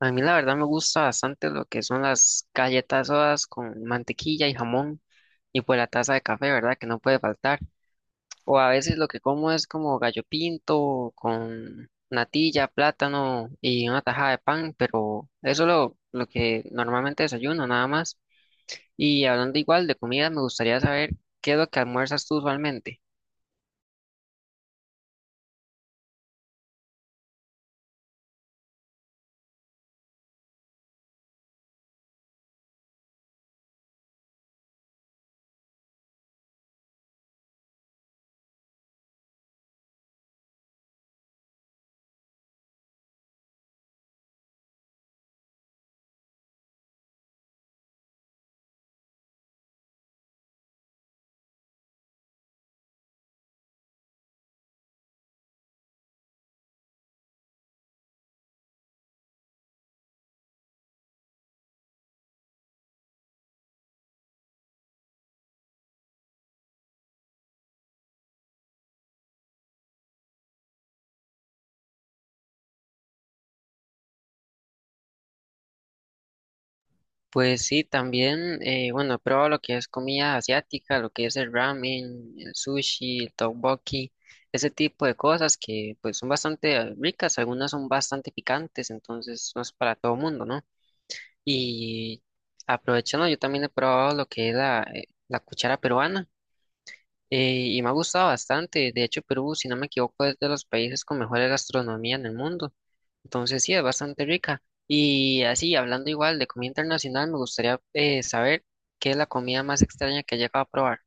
A mí la verdad me gusta bastante lo que son las galletas sodas con mantequilla y jamón y pues la taza de café, ¿verdad? Que no puede faltar. O a veces lo que como es como gallo pinto con natilla, plátano y una tajada de pan, pero eso es lo que normalmente desayuno, nada más. Y hablando igual de comida, me gustaría saber qué es lo que almuerzas tú usualmente. Pues sí, también, bueno, he probado lo que es comida asiática, lo que es el ramen, el sushi, el tteokbokki, ese tipo de cosas que pues son bastante ricas, algunas son bastante picantes, entonces no es para todo mundo, ¿no? Y aprovechando, yo también he probado lo que es la cuchara peruana, y me ha gustado bastante. De hecho, Perú, si no me equivoco, es de los países con mejor gastronomía en el mundo. Entonces, sí, es bastante rica. Y así, hablando igual de comida internacional, me gustaría saber qué es la comida más extraña que he llegado a probar.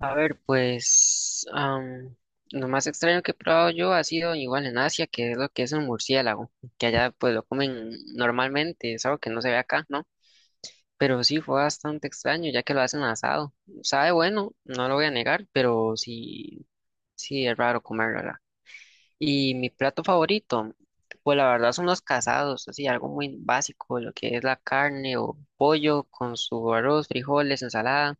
A ver, pues lo más extraño que he probado yo ha sido igual en Asia, que es lo que es un murciélago, que allá pues lo comen normalmente, es algo que no se ve acá, ¿no? Pero sí, fue bastante extraño, ya que lo hacen asado. Sabe bueno, no lo voy a negar, pero sí, sí es raro comerlo, ¿verdad? Y mi plato favorito, pues la verdad son los casados, así algo muy básico, lo que es la carne o pollo con su arroz, frijoles, ensalada.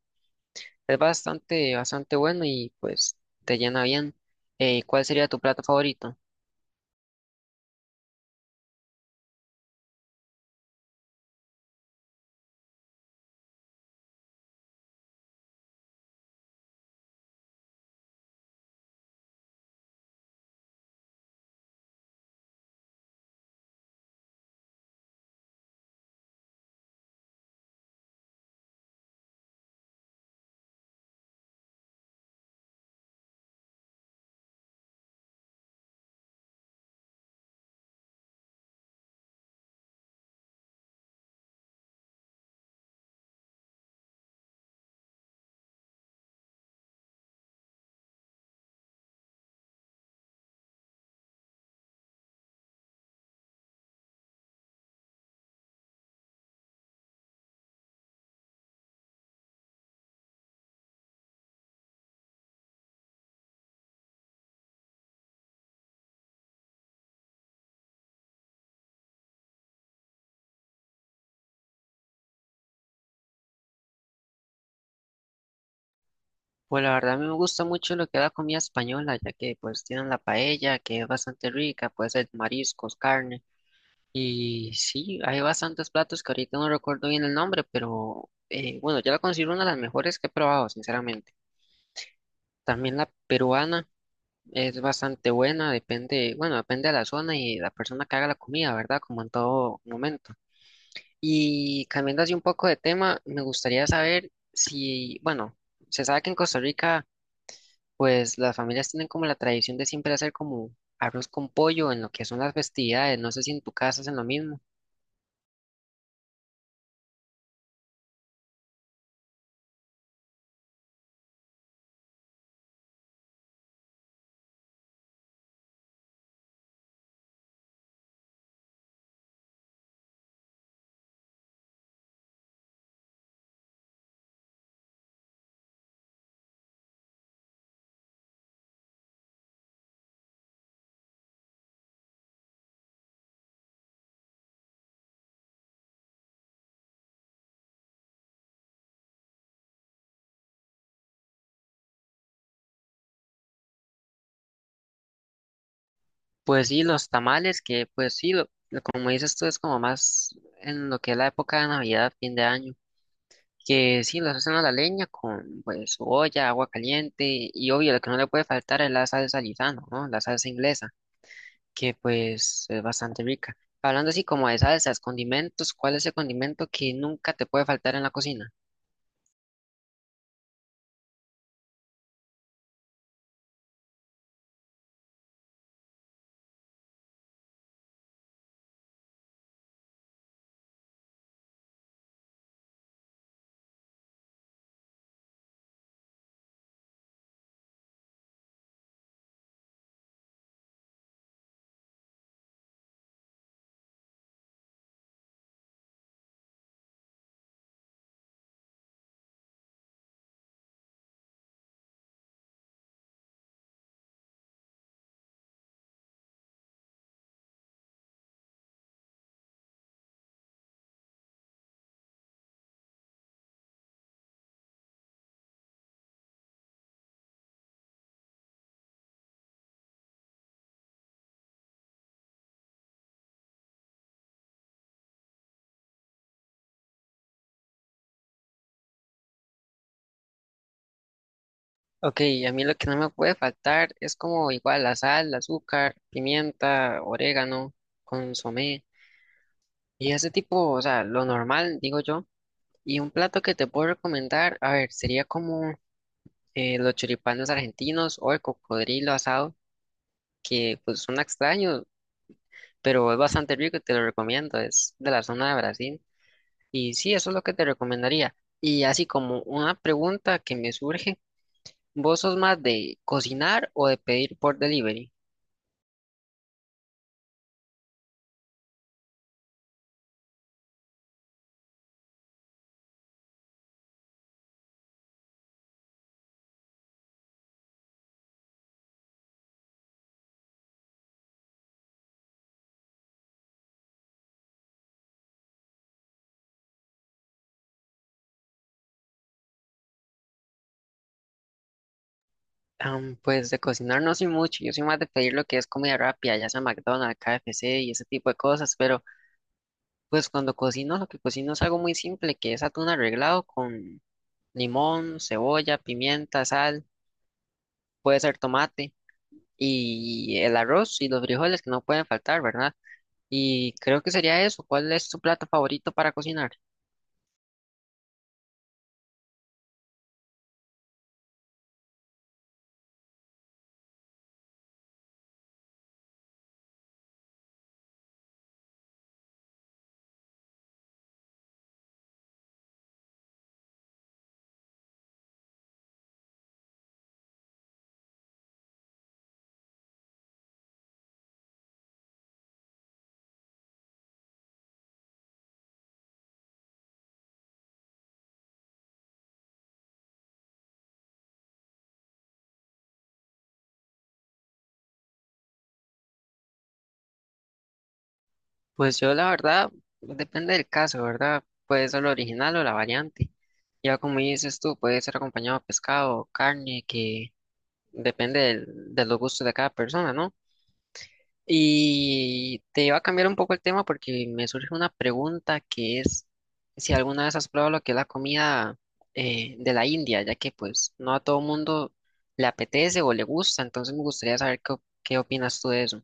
Es bastante, bastante bueno y pues te llena bien. ¿Cuál sería tu plato favorito? Pues la verdad a mí me gusta mucho lo que es la comida española, ya que pues tienen la paella, que es bastante rica, puede ser mariscos, carne. Y sí, hay bastantes platos que ahorita no recuerdo bien el nombre, pero bueno, yo la considero una de las mejores que he probado, sinceramente. También la peruana es bastante buena, depende, bueno, depende de la zona y de la persona que haga la comida, ¿verdad? Como en todo momento. Y cambiando así un poco de tema, me gustaría saber si, bueno, se sabe que en Costa Rica, pues las familias tienen como la tradición de siempre hacer como arroz con pollo en lo que son las festividades. No sé si en tu casa hacen lo mismo. Pues sí, los tamales, que pues sí, como dices tú, es como más en lo que es la época de Navidad, fin de año, que sí, los hacen a la leña con pues su olla, agua caliente y obvio, lo que no le puede faltar es la salsa Lizano, ¿no? La salsa inglesa, que pues es bastante rica. Hablando así como de salsas, condimentos, ¿cuál es el condimento que nunca te puede faltar en la cocina? Ok, a mí lo que no me puede faltar es como igual la sal, el azúcar, pimienta, orégano, consomé. Y ese tipo, o sea, lo normal, digo yo. Y un plato que te puedo recomendar, a ver, sería como los choripanes argentinos o el cocodrilo asado, que pues son extraños, pero es bastante rico y te lo recomiendo, es de la zona de Brasil. Y sí, eso es lo que te recomendaría. Y así como una pregunta que me surge, ¿vos sos más de cocinar o de pedir por delivery? Pues de cocinar no soy mucho, yo soy más de pedir lo que es comida rápida, ya sea McDonald's, KFC y ese tipo de cosas, pero... Pues cuando cocino, lo que cocino es algo muy simple, que es atún arreglado con limón, cebolla, pimienta, sal, puede ser tomate y el arroz y los frijoles que no pueden faltar, ¿verdad? Y creo que sería eso. ¿Cuál es tu plato favorito para cocinar? Pues yo la verdad, depende del caso, ¿verdad? Puede ser lo original o la variante. Ya como dices tú, puede ser acompañado de pescado, carne, que de los gustos de cada persona, ¿no? Y te va a cambiar un poco el tema porque me surge una pregunta que es si alguna vez has probado lo que es la comida de la India, ya que pues no a todo mundo le apetece o le gusta, entonces me gustaría saber qué, qué opinas tú de eso.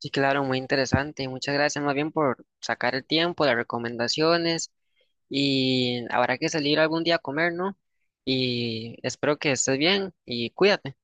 Sí, claro, muy interesante. Muchas gracias más bien por sacar el tiempo, las recomendaciones y habrá que salir algún día a comer, ¿no? Y espero que estés bien y cuídate.